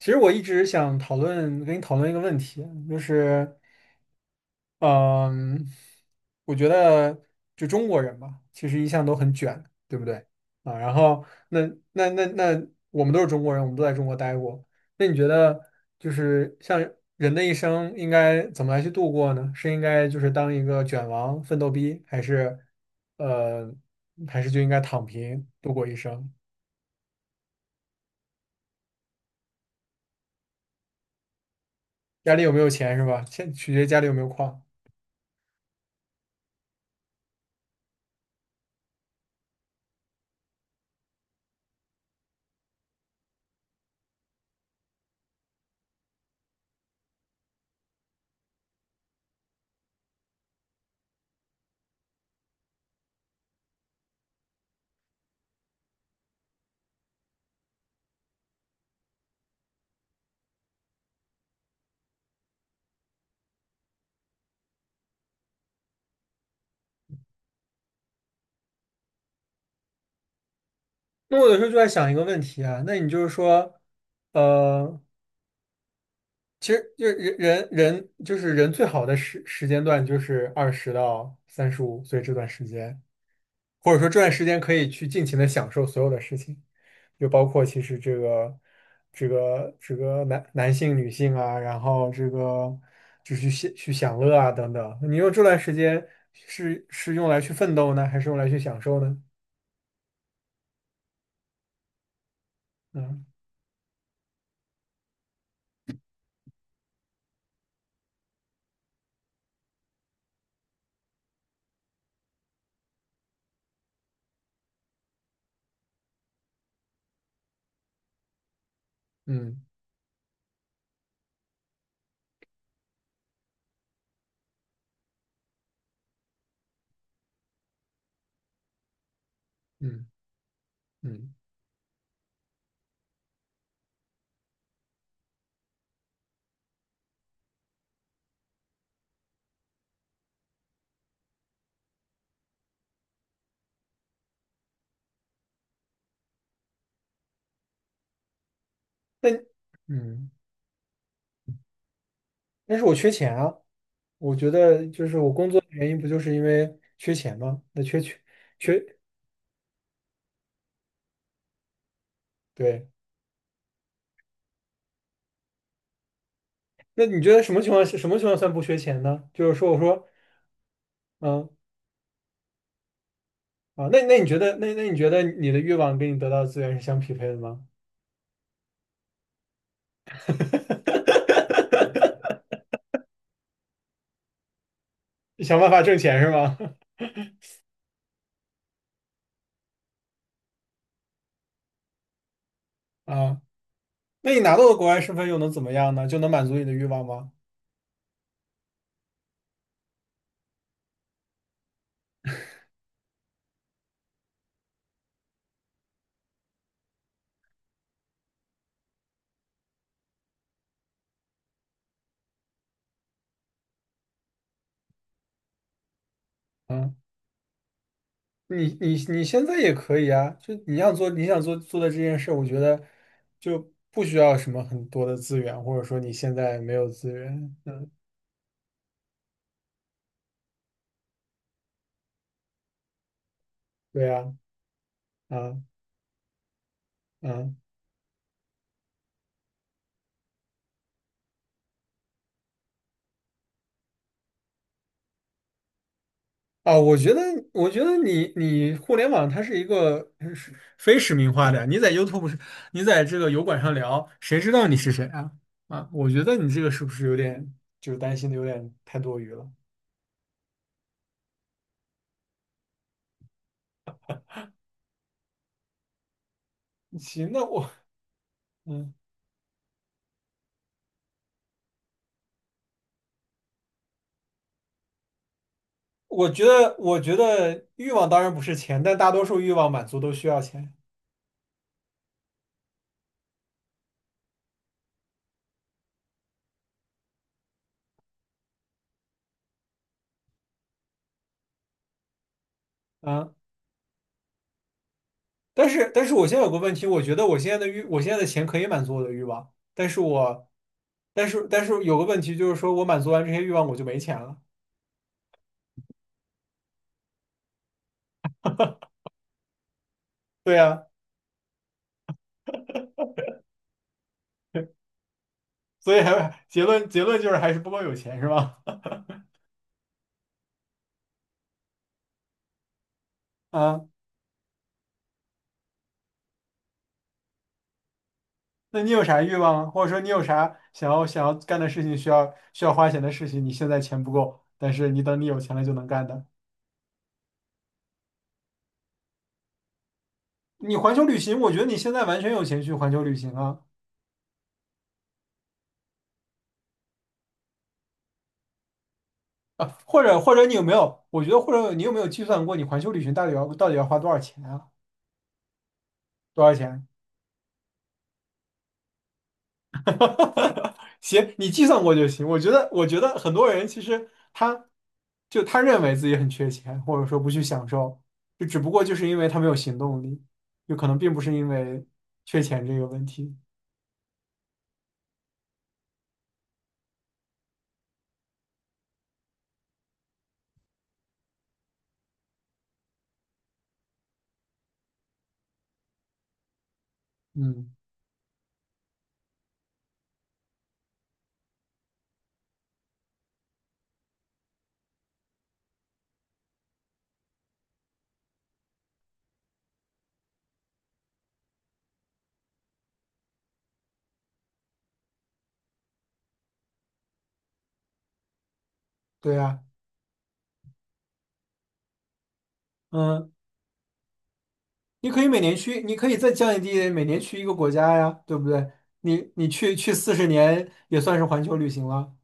其实我一直想讨论，跟你讨论一个问题，就是，嗯，我觉得就中国人吧，其实一向都很卷，对不对？啊，然后那，我们都是中国人，我们都在中国待过。那你觉得，就是像人的一生应该怎么来去度过呢？是应该就是当一个卷王、奋斗逼，呃，还是就应该躺平度过一生？家里有没有钱是吧？先取决于家里有没有矿。那我有时候就在想一个问题啊，那你就是说，呃，其实就是人就是人最好的时间段就是20到35岁这段时间，或者说这段时间可以去尽情的享受所有的事情，就包括其实这个男性、女性啊，然后这个就去享乐啊等等。你用这段时间是用来去奋斗呢，还是用来去享受呢？嗯嗯嗯嗯，那嗯。但是我缺钱啊，我觉得就是我工作的原因不就是因为缺钱吗？那缺，对，那你觉得什么情况是什么情况算不缺钱呢？就是说，我说，嗯那你觉得你的欲望跟你得到的资源是相匹配的吗？想办法挣钱是吗？啊，那你拿到了国外身份又能怎么样呢？就能满足你的欲望吗？嗯。你现在也可以啊，就你要做你想做的这件事，我觉得就不需要什么很多的资源，或者说你现在没有资源，嗯，对啊，啊嗯啊，我觉得我觉得你互联网它是一个是非实名化的呀，你在这个油管上聊，谁知道你是谁啊？啊，我觉得你这个是不是有点就是担心的有点太多余了？行，那我嗯。我觉得欲望当然不是钱，但大多数欲望满足都需要钱啊。但是我现在有个问题，我觉得我现在的钱可以满足我的欲望，但是我，但是有个问题就是说，我满足完这些欲望，我就没钱了。对呀，所以还结论结论就是还是不够有钱，是吧？啊，那你有啥欲望啊或者说你有啥想要干的事情，需要花钱的事情，你现在钱不够，但是你等你有钱了就能干的。你环球旅行，我觉得你现在完全有钱去环球旅行啊。啊，或者你有没有？我觉得或者你有没有计算过你环球旅行到底要花多少钱啊？多少钱？行，你计算过就行。我觉得很多人其实他认为自己很缺钱，或者说不去享受，就只不过就是因为他没有行动力，就可能并不是因为缺钱这个问题。嗯，对呀，嗯，你可以每年去，你可以再降低每年去一个国家呀，对不对？你去40年也算是环球旅行了。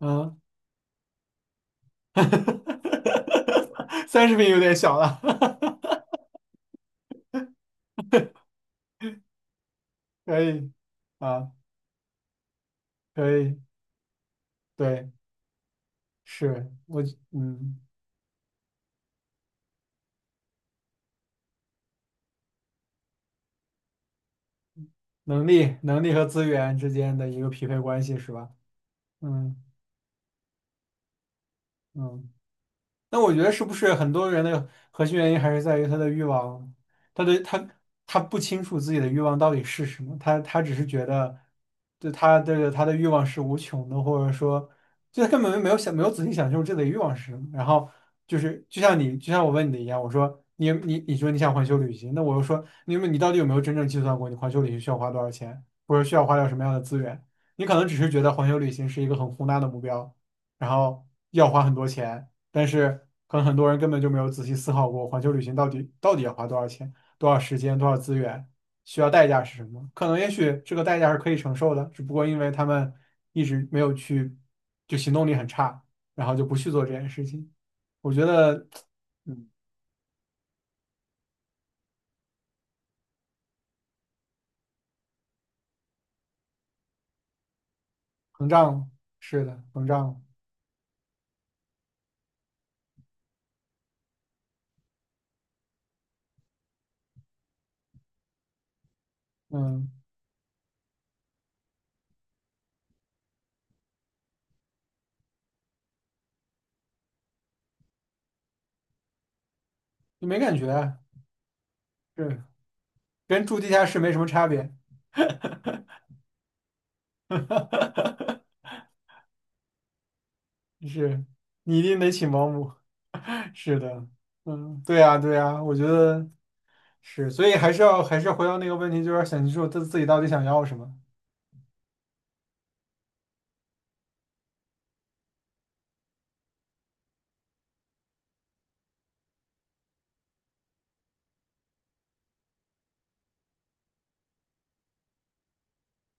嗯。30平有点小了，可以啊，可以，对，是我嗯，能力和资源之间的一个匹配关系是吧？嗯嗯。那我觉得是不是很多人的核心原因还是在于他的欲望，他的他他不清楚自己的欲望到底是什么，他只是觉得，就他的欲望是无穷的，或者说，就他根本没有仔细想清楚自己的欲望是什么。然后就是就像我问你的一样，我说你说你想环球旅行，那我又说你到底有没有真正计算过你环球旅行需要花多少钱，或者需要花掉什么样的资源？你可能只是觉得环球旅行是一个很宏大的目标，然后要花很多钱。但是可能很多人根本就没有仔细思考过环球旅行到底要花多少钱、多少时间、多少资源，需要代价是什么？可能也许这个代价是可以承受的，只不过因为他们一直没有去，就行动力很差，然后就不去做这件事情。我觉得，嗯，膨胀是的，膨胀，嗯，就没感觉对，是跟住地下室没什么差别。是，你一定得请保姆。是的，嗯，对呀，对呀，我觉得是，所以还是回到那个问题，就是想清楚他自己到底想要什么。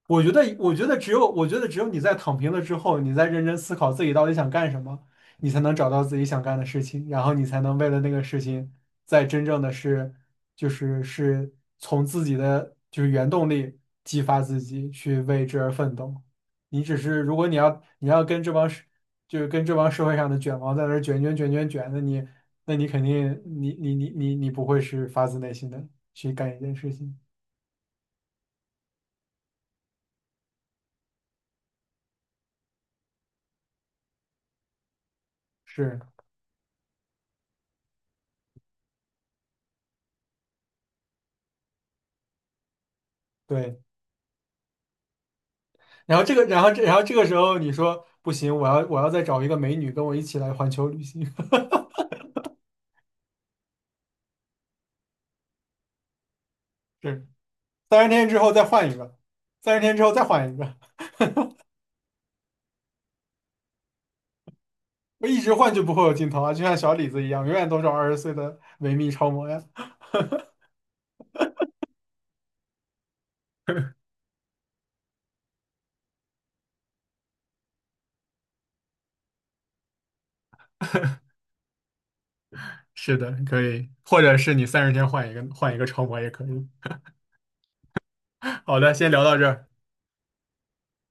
我觉得只有你在躺平了之后，你在认真思考自己到底想干什么，你才能找到自己想干的事情，然后你才能为了那个事情，在真正的是，就是是从自己的就是原动力激发自己去为之而奋斗。你只是如果你要跟这帮社就是跟这帮社会上的卷王在那儿卷卷卷卷卷，那你肯定你不会是发自内心的去干一件事情，是对。然后这个，然后这，然后这个时候你说不行，我要再找一个美女跟我一起来环球旅行。是，三十天之后再换一个，三十天之后再换一个，我一直换就不会有尽头啊，就像小李子一样，永远都是20岁的维密超模呀。是的，可以，或者是你三十天换一个，换一个超模也可以。好的，先聊到这儿。